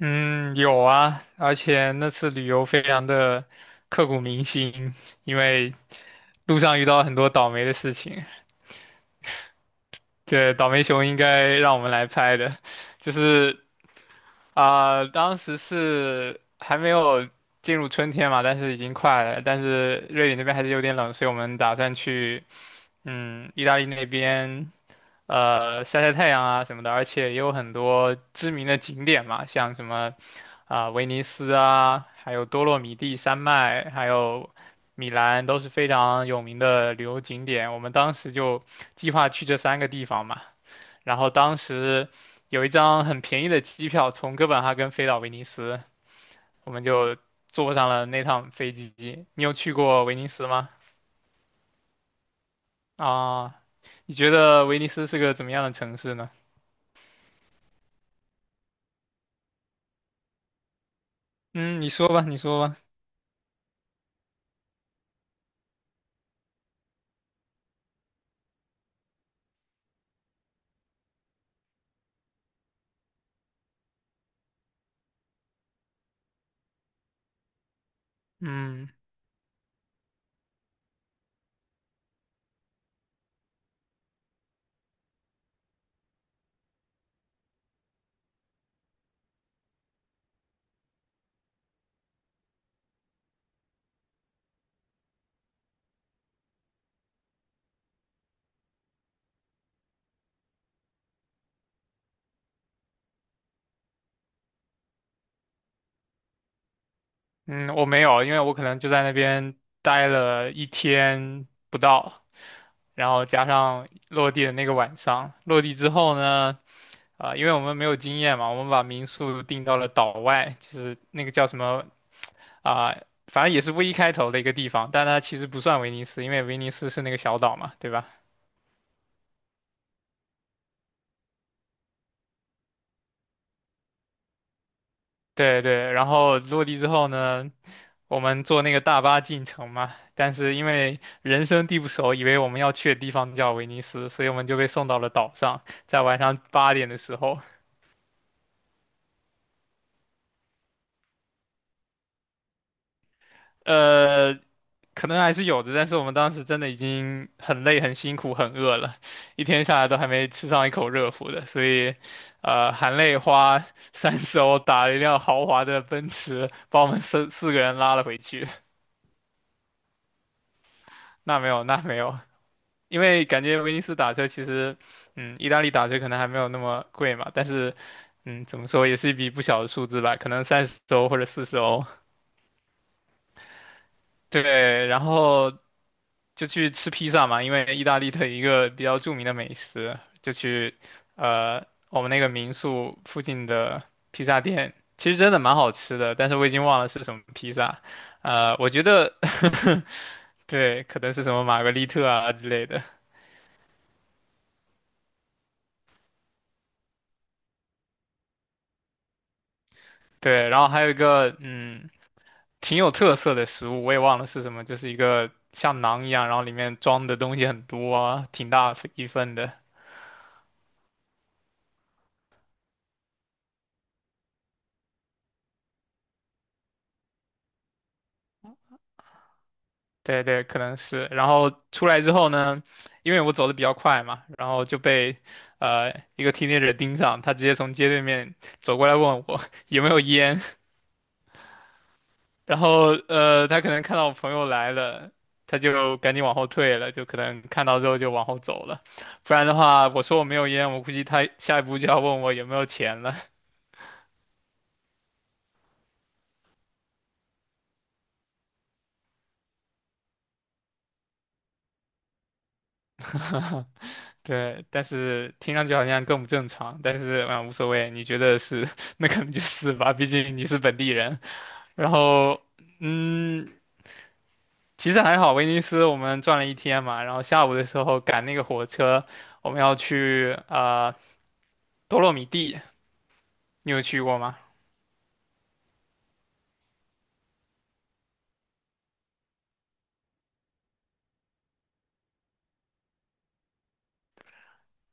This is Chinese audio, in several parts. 嗯，有啊，而且那次旅游非常的刻骨铭心，因为路上遇到很多倒霉的事情。这倒霉熊应该让我们来拍的，就是当时是还没有进入春天嘛，但是已经快了。但是瑞典那边还是有点冷，所以我们打算去，意大利那边，晒晒太阳啊什么的。而且也有很多知名的景点嘛，像什么威尼斯啊，还有多洛米蒂山脉，还有米兰，都是非常有名的旅游景点。我们当时就计划去这三个地方嘛。然后当时有一张很便宜的机票从哥本哈根飞到威尼斯，我们就坐上了那趟飞机。你有去过威尼斯吗？啊，你觉得威尼斯是个怎么样的城市呢？嗯，你说吧，你说吧。嗯嗯，我没有，因为我可能就在那边待了一天不到，然后加上落地的那个晚上，落地之后呢，因为我们没有经验嘛，我们把民宿定到了岛外，就是那个叫什么啊、反正也是 V 开头的一个地方，但它其实不算威尼斯，因为威尼斯是那个小岛嘛，对吧？对对，然后落地之后呢，我们坐那个大巴进城嘛，但是因为人生地不熟，以为我们要去的地方叫威尼斯，所以我们就被送到了岛上，在晚上8点的时候，呃，可能还是有的，但是我们当时真的已经很累、很辛苦、很饿了，一天下来都还没吃上一口热乎的，所以，含泪花三十欧打了一辆豪华的奔驰，把我们四个人拉了回去。那没有，那没有，因为感觉威尼斯打车其实，意大利打车可能还没有那么贵嘛，但是，怎么说也是一笔不小的数字吧，可能三十欧或者40欧。对，然后就去吃披萨嘛，因为意大利的一个比较著名的美食，就去我们那个民宿附近的披萨店，其实真的蛮好吃的，但是我已经忘了是什么披萨，我觉得 对，可能是什么玛格丽特啊之类的，对，然后还有一个挺有特色的食物，我也忘了是什么，就是一个像馕一样，然后里面装的东西很多啊，挺大一份的，对对，可能是。然后出来之后呢，因为我走的比较快嘛，然后就被一个 teenager 盯上，他直接从街对面走过来问我 有没有烟，然后他可能看到我朋友来了，他就赶紧往后退了，就可能看到之后就往后走了，不然的话我说我没有烟，我估计他下一步就要问我有没有钱了。对，但是听上去好像更不正常，但是无所谓，你觉得是 那可能就是吧，毕竟你是本地人。然后，嗯，其实还好，威尼斯我们转了一天嘛，然后下午的时候赶那个火车，我们要去多洛米蒂，你有去过吗？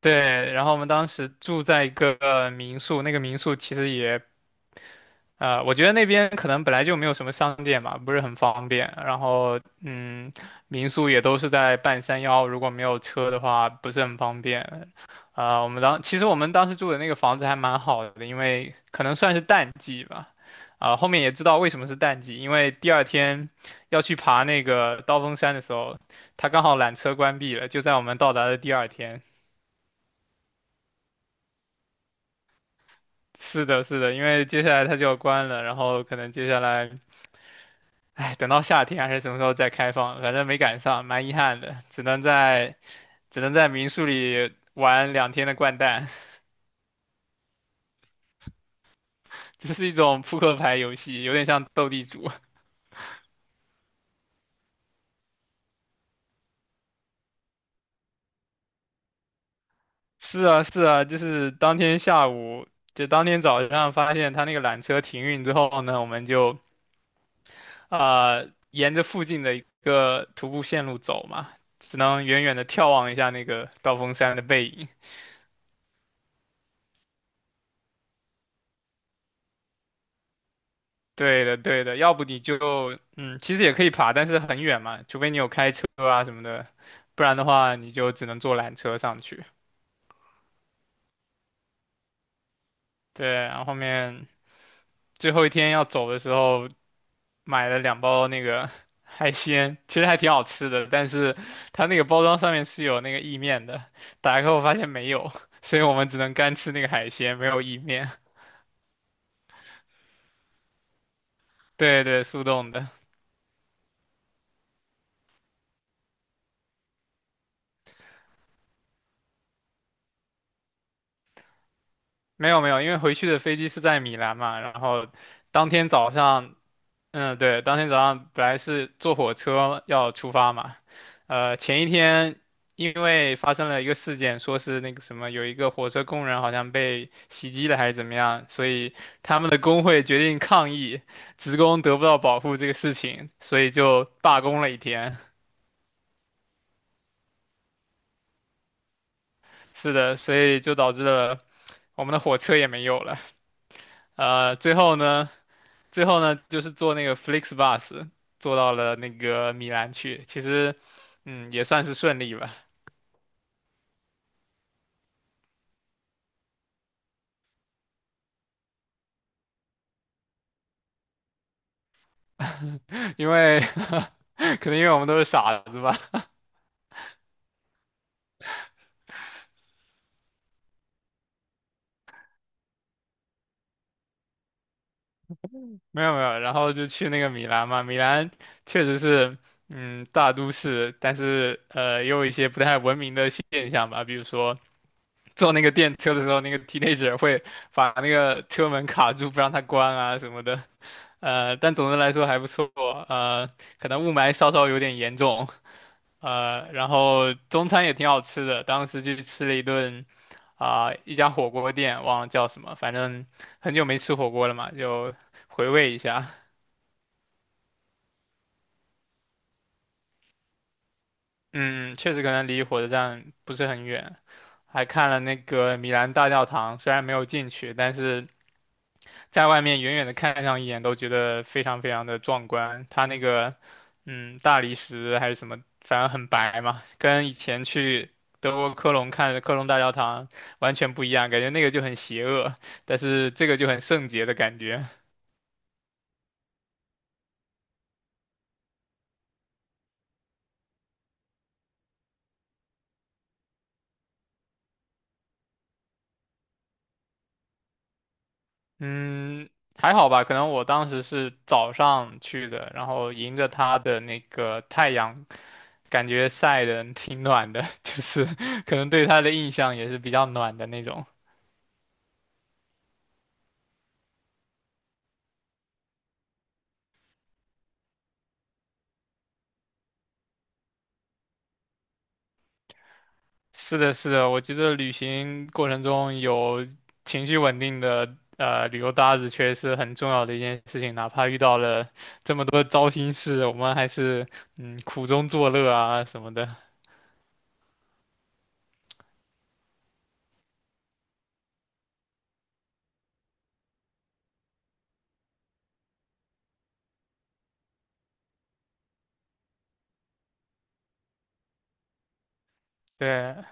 对，然后我们当时住在一个民宿，那个民宿其实也，我觉得那边可能本来就没有什么商店吧，不是很方便。然后，民宿也都是在半山腰，如果没有车的话，不是很方便。我们当其实我们当时住的那个房子还蛮好的，因为可能算是淡季吧。后面也知道为什么是淡季，因为第二天要去爬那个刀锋山的时候，它刚好缆车关闭了，就在我们到达的第二天。是的，是的，因为接下来它就要关了，然后可能接下来。哎，等到夏天还是什么时候再开放，反正没赶上，蛮遗憾的，只能在民宿里玩2天的掼蛋，就是一种扑克牌游戏，有点像斗地主。是啊，是啊，就是当天下午，就当天早上发现他那个缆车停运之后呢，我们就沿着附近的一个徒步线路走嘛，只能远远的眺望一下那个刀锋山的背影。对的，对的，要不你就，其实也可以爬，但是很远嘛，除非你有开车啊什么的，不然的话你就只能坐缆车上去。对，然后后面最后一天要走的时候，买了两包那个 海鲜，其实还挺好吃的，但是它那个包装上面是有那个意面的，打开后发现没有，所以我们只能干吃那个海鲜，没有意面。对对，速冻的，没有没有，因为回去的飞机是在米兰嘛，然后当天早上。嗯，对，当天早上本来是坐火车要出发嘛，前一天因为发生了一个事件，说是那个什么，有一个火车工人好像被袭击了还是怎么样，所以他们的工会决定抗议，职工得不到保护这个事情，所以就罢工了一天。是的，所以就导致了我们的火车也没有了。呃，最后呢，最后呢，就是坐那个 FlixBus 坐到了那个米兰去，其实，也算是顺利吧。因为 可能因为我们都是傻子吧，没有没有，然后就去那个米兰嘛，米兰确实是，大都市，但是也有一些不太文明的现象吧，比如说坐那个电车的时候，那个 teenager 会把那个车门卡住，不让它关啊什么的，但总的来说还不错，呃，可能雾霾稍稍有点严重，然后中餐也挺好吃的，当时去吃了一顿，一家火锅店，忘了叫什么，反正很久没吃火锅了嘛，就回味一下。嗯，确实可能离火车站不是很远，还看了那个米兰大教堂，虽然没有进去，但是在外面远远的看上一眼都觉得非常非常的壮观。它那个，大理石还是什么，反正很白嘛，跟以前去德国科隆看的科隆大教堂完全不一样，感觉那个就很邪恶，但是这个就很圣洁的感觉。嗯，还好吧，可能我当时是早上去的，然后迎着它的那个太阳。感觉晒的挺暖的，就是可能对它的印象也是比较暖的那种。是的，是的，我觉得旅行过程中有情绪稳定的旅游搭子，确实是很重要的一件事情。哪怕遇到了这么多糟心事，我们还是苦中作乐啊什么的。对，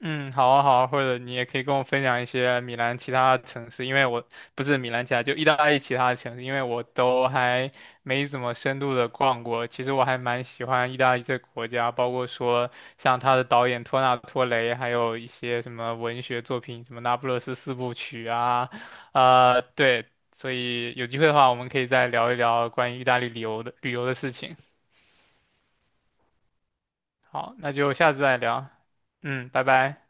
嗯，好啊，好啊，或者你也可以跟我分享一些米兰其他城市，因为我不是米兰其他，就意大利其他的城市，因为我都还没怎么深度的逛过。其实我还蛮喜欢意大利这个国家，包括说像他的导演托纳托雷，还有一些什么文学作品，什么《那不勒斯四部曲》啊，对，所以有机会的话，我们可以再聊一聊关于意大利旅游的事情。好，那就下次再聊，嗯，拜拜。